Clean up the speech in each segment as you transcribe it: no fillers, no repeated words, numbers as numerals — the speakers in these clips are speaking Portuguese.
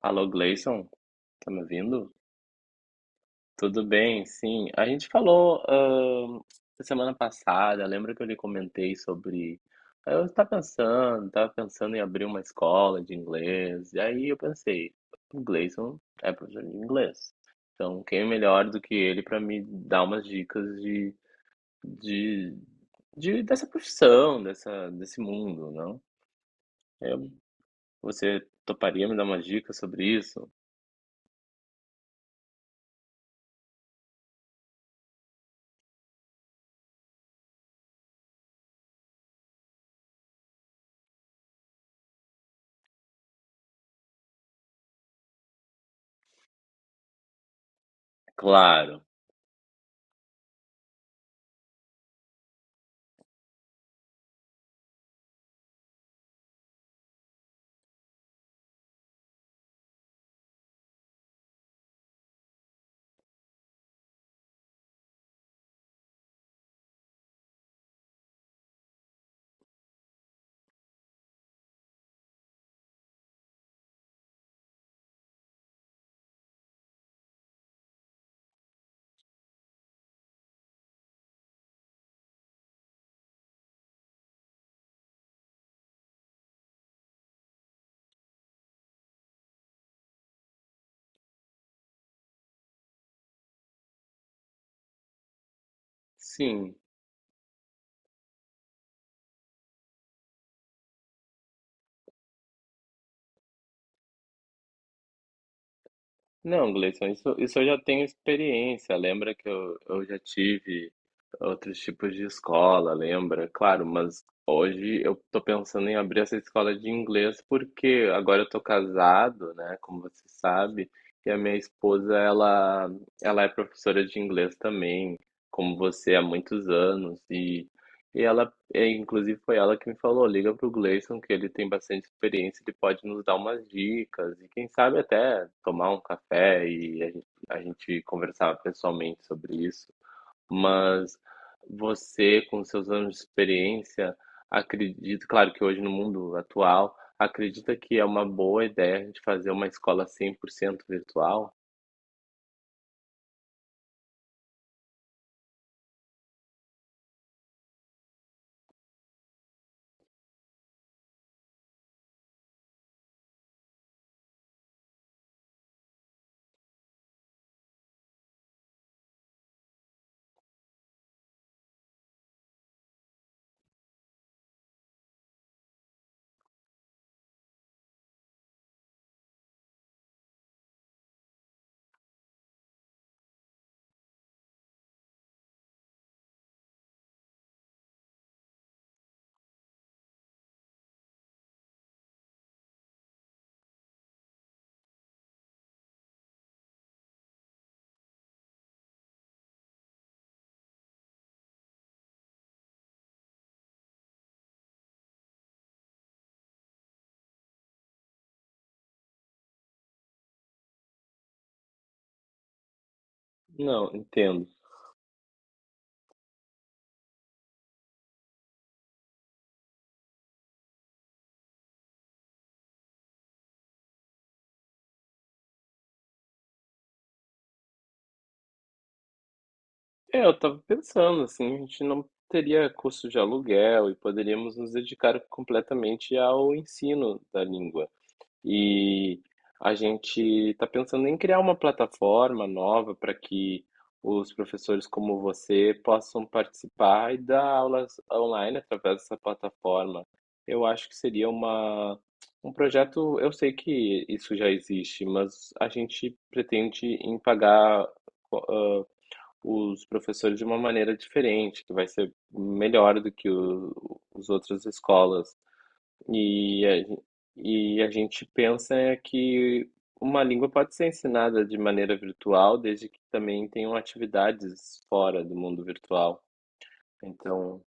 Alô, Gleison, tá me ouvindo? Tudo bem, sim. A gente falou semana passada, lembra que eu lhe comentei sobre. Eu estava pensando em abrir uma escola de inglês, e aí eu pensei, o Gleison é professor de inglês, então quem é melhor do que ele para me dar umas dicas de, dessa profissão, dessa, desse mundo, não? Eu- Você toparia me dar umas dicas sobre isso? Claro, sim. Não, Gleison, isso eu já tenho experiência. Lembra que eu já tive outros tipos de escola, lembra? Claro, mas hoje eu tô pensando em abrir essa escola de inglês porque agora eu tô casado, né? Como você sabe, e a minha esposa, ela é professora de inglês também, como você há muitos anos, e ela é, inclusive foi ela que me falou, liga pro Gleison que ele tem bastante experiência, ele pode nos dar umas dicas e quem sabe até tomar um café e a gente conversar pessoalmente sobre isso. Mas você, com seus anos de experiência, acredito, claro que hoje no mundo atual, acredita que é uma boa ideia a gente fazer uma escola 100% virtual? Não, entendo. É, eu estava pensando, assim, a gente não teria custo de aluguel e poderíamos nos dedicar completamente ao ensino da língua. E a gente está pensando em criar uma plataforma nova para que os professores como você possam participar e dar aulas online através dessa plataforma. Eu acho que seria um projeto, eu sei que isso já existe, mas a gente pretende em pagar os professores de uma maneira diferente, que vai ser melhor do que os outras escolas. E e a gente pensa é que uma língua pode ser ensinada de maneira virtual, desde que também tenham atividades fora do mundo virtual. Então,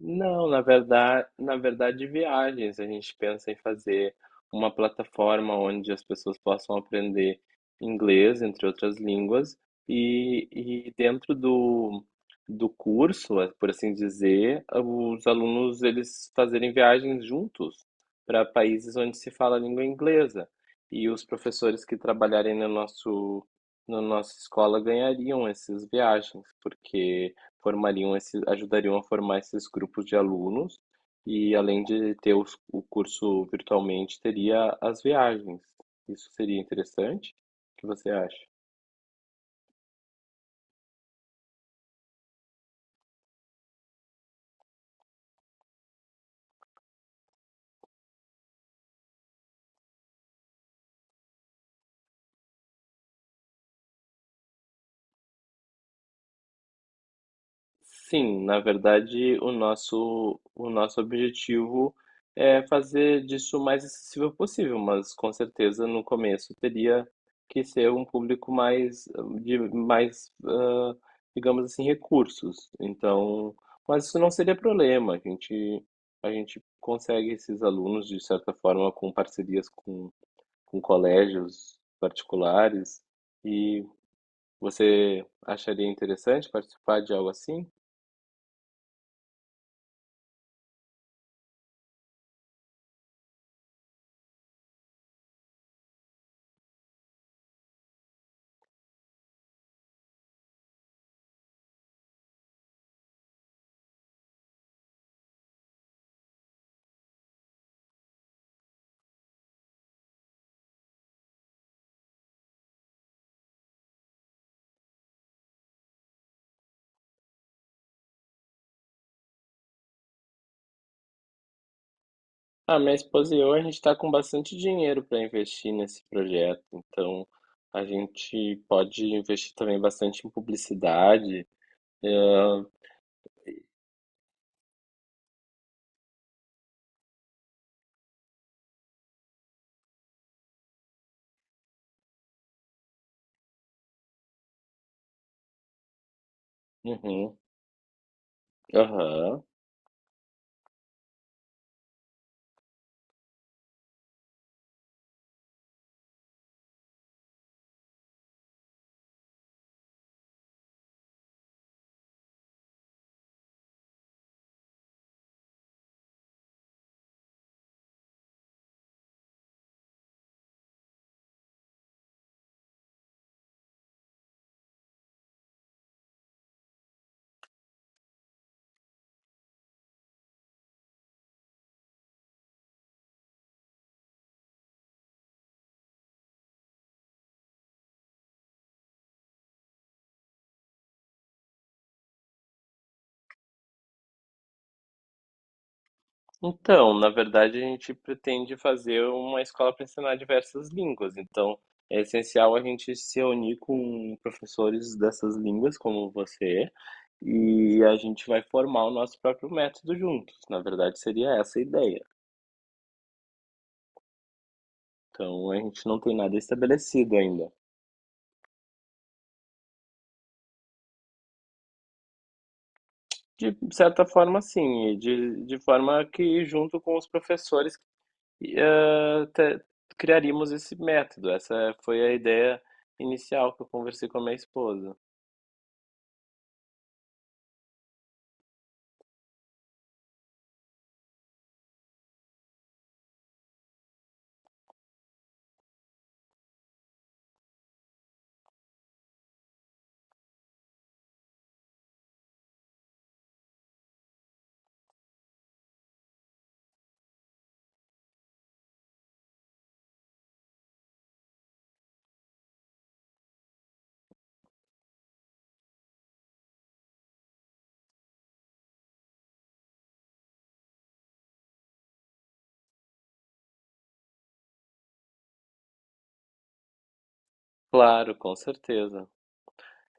não, na verdade, viagens. A gente pensa em fazer uma plataforma onde as pessoas possam aprender inglês, entre outras línguas, e dentro do, do curso, por assim dizer, os alunos eles fazerem viagens juntos para países onde se fala a língua inglesa. E os professores que trabalharem no nosso, na nossa escola ganhariam essas viagens, porque formariam esses, ajudariam a formar esses grupos de alunos e além de ter os, o curso virtualmente, teria as viagens. Isso seria interessante? O que você acha? Sim, na verdade, o nosso objetivo é fazer disso o mais acessível possível, mas com certeza no começo teria que ser um público mais de mais, ah, digamos assim, recursos. Então, mas isso não seria problema. A gente consegue esses alunos de certa forma com parcerias com colégios particulares. E você acharia interessante participar de algo assim? Ah, minha esposa e eu, a gente está com bastante dinheiro para investir nesse projeto, então a gente pode investir também bastante em publicidade. Ah, uhum, aham. Então, na verdade, a gente pretende fazer uma escola para ensinar diversas línguas, então é essencial a gente se reunir com professores dessas línguas, como você, e a gente vai formar o nosso próprio método juntos. Na verdade, seria essa a ideia. Então, a gente não tem nada estabelecido ainda. De certa forma, sim, e de forma que, junto com os professores, eh, te- criaríamos esse método. Essa foi a ideia inicial que eu conversei com a minha esposa. Claro, com certeza.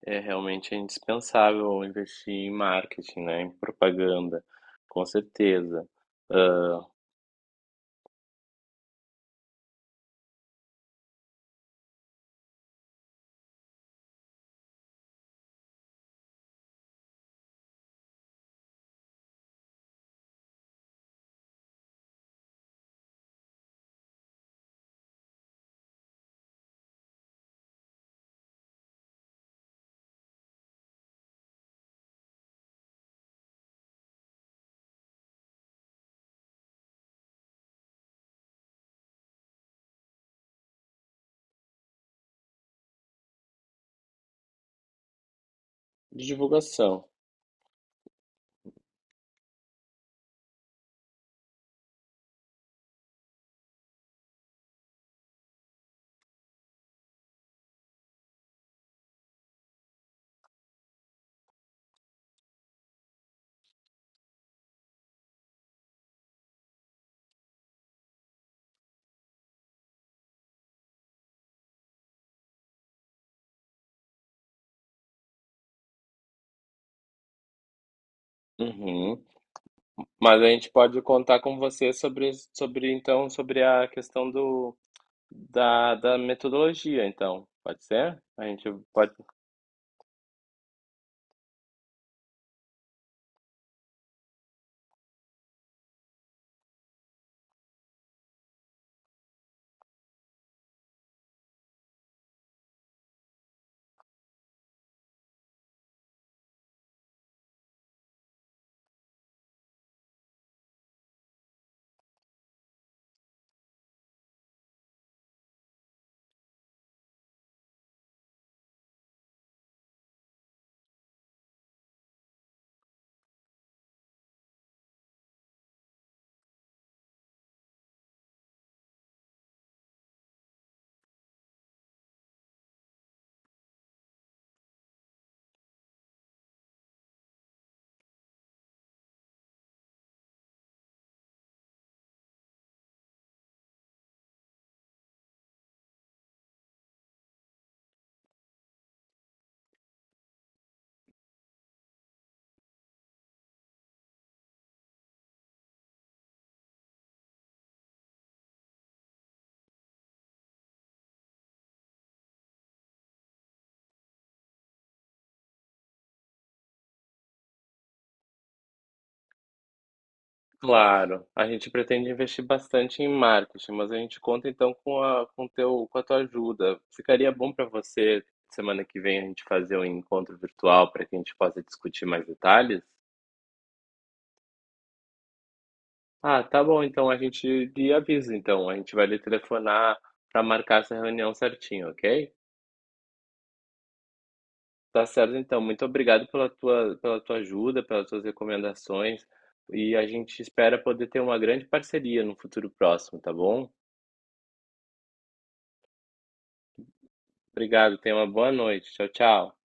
É realmente indispensável investir em marketing, né? Em propaganda, com certeza. Ah, de divulgação. Uhum. Mas a gente pode contar com você sobre, sobre então, sobre a questão do. Da, da metodologia, então. Pode ser? A gente pode. Claro, a gente pretende investir bastante em marketing, mas a gente conta então com com teu, com a tua ajuda. Ficaria bom para você, semana que vem, a gente fazer um encontro virtual para que a gente possa discutir mais detalhes? Ah, tá bom, então a gente lhe avisa, então. A gente vai lhe telefonar para marcar essa reunião certinho, ok? Tá certo, então. Muito obrigado pela pela tua ajuda, pelas tuas recomendações. E a gente espera poder ter uma grande parceria no futuro próximo, tá bom? Obrigado, tenha uma boa noite. Tchau, tchau.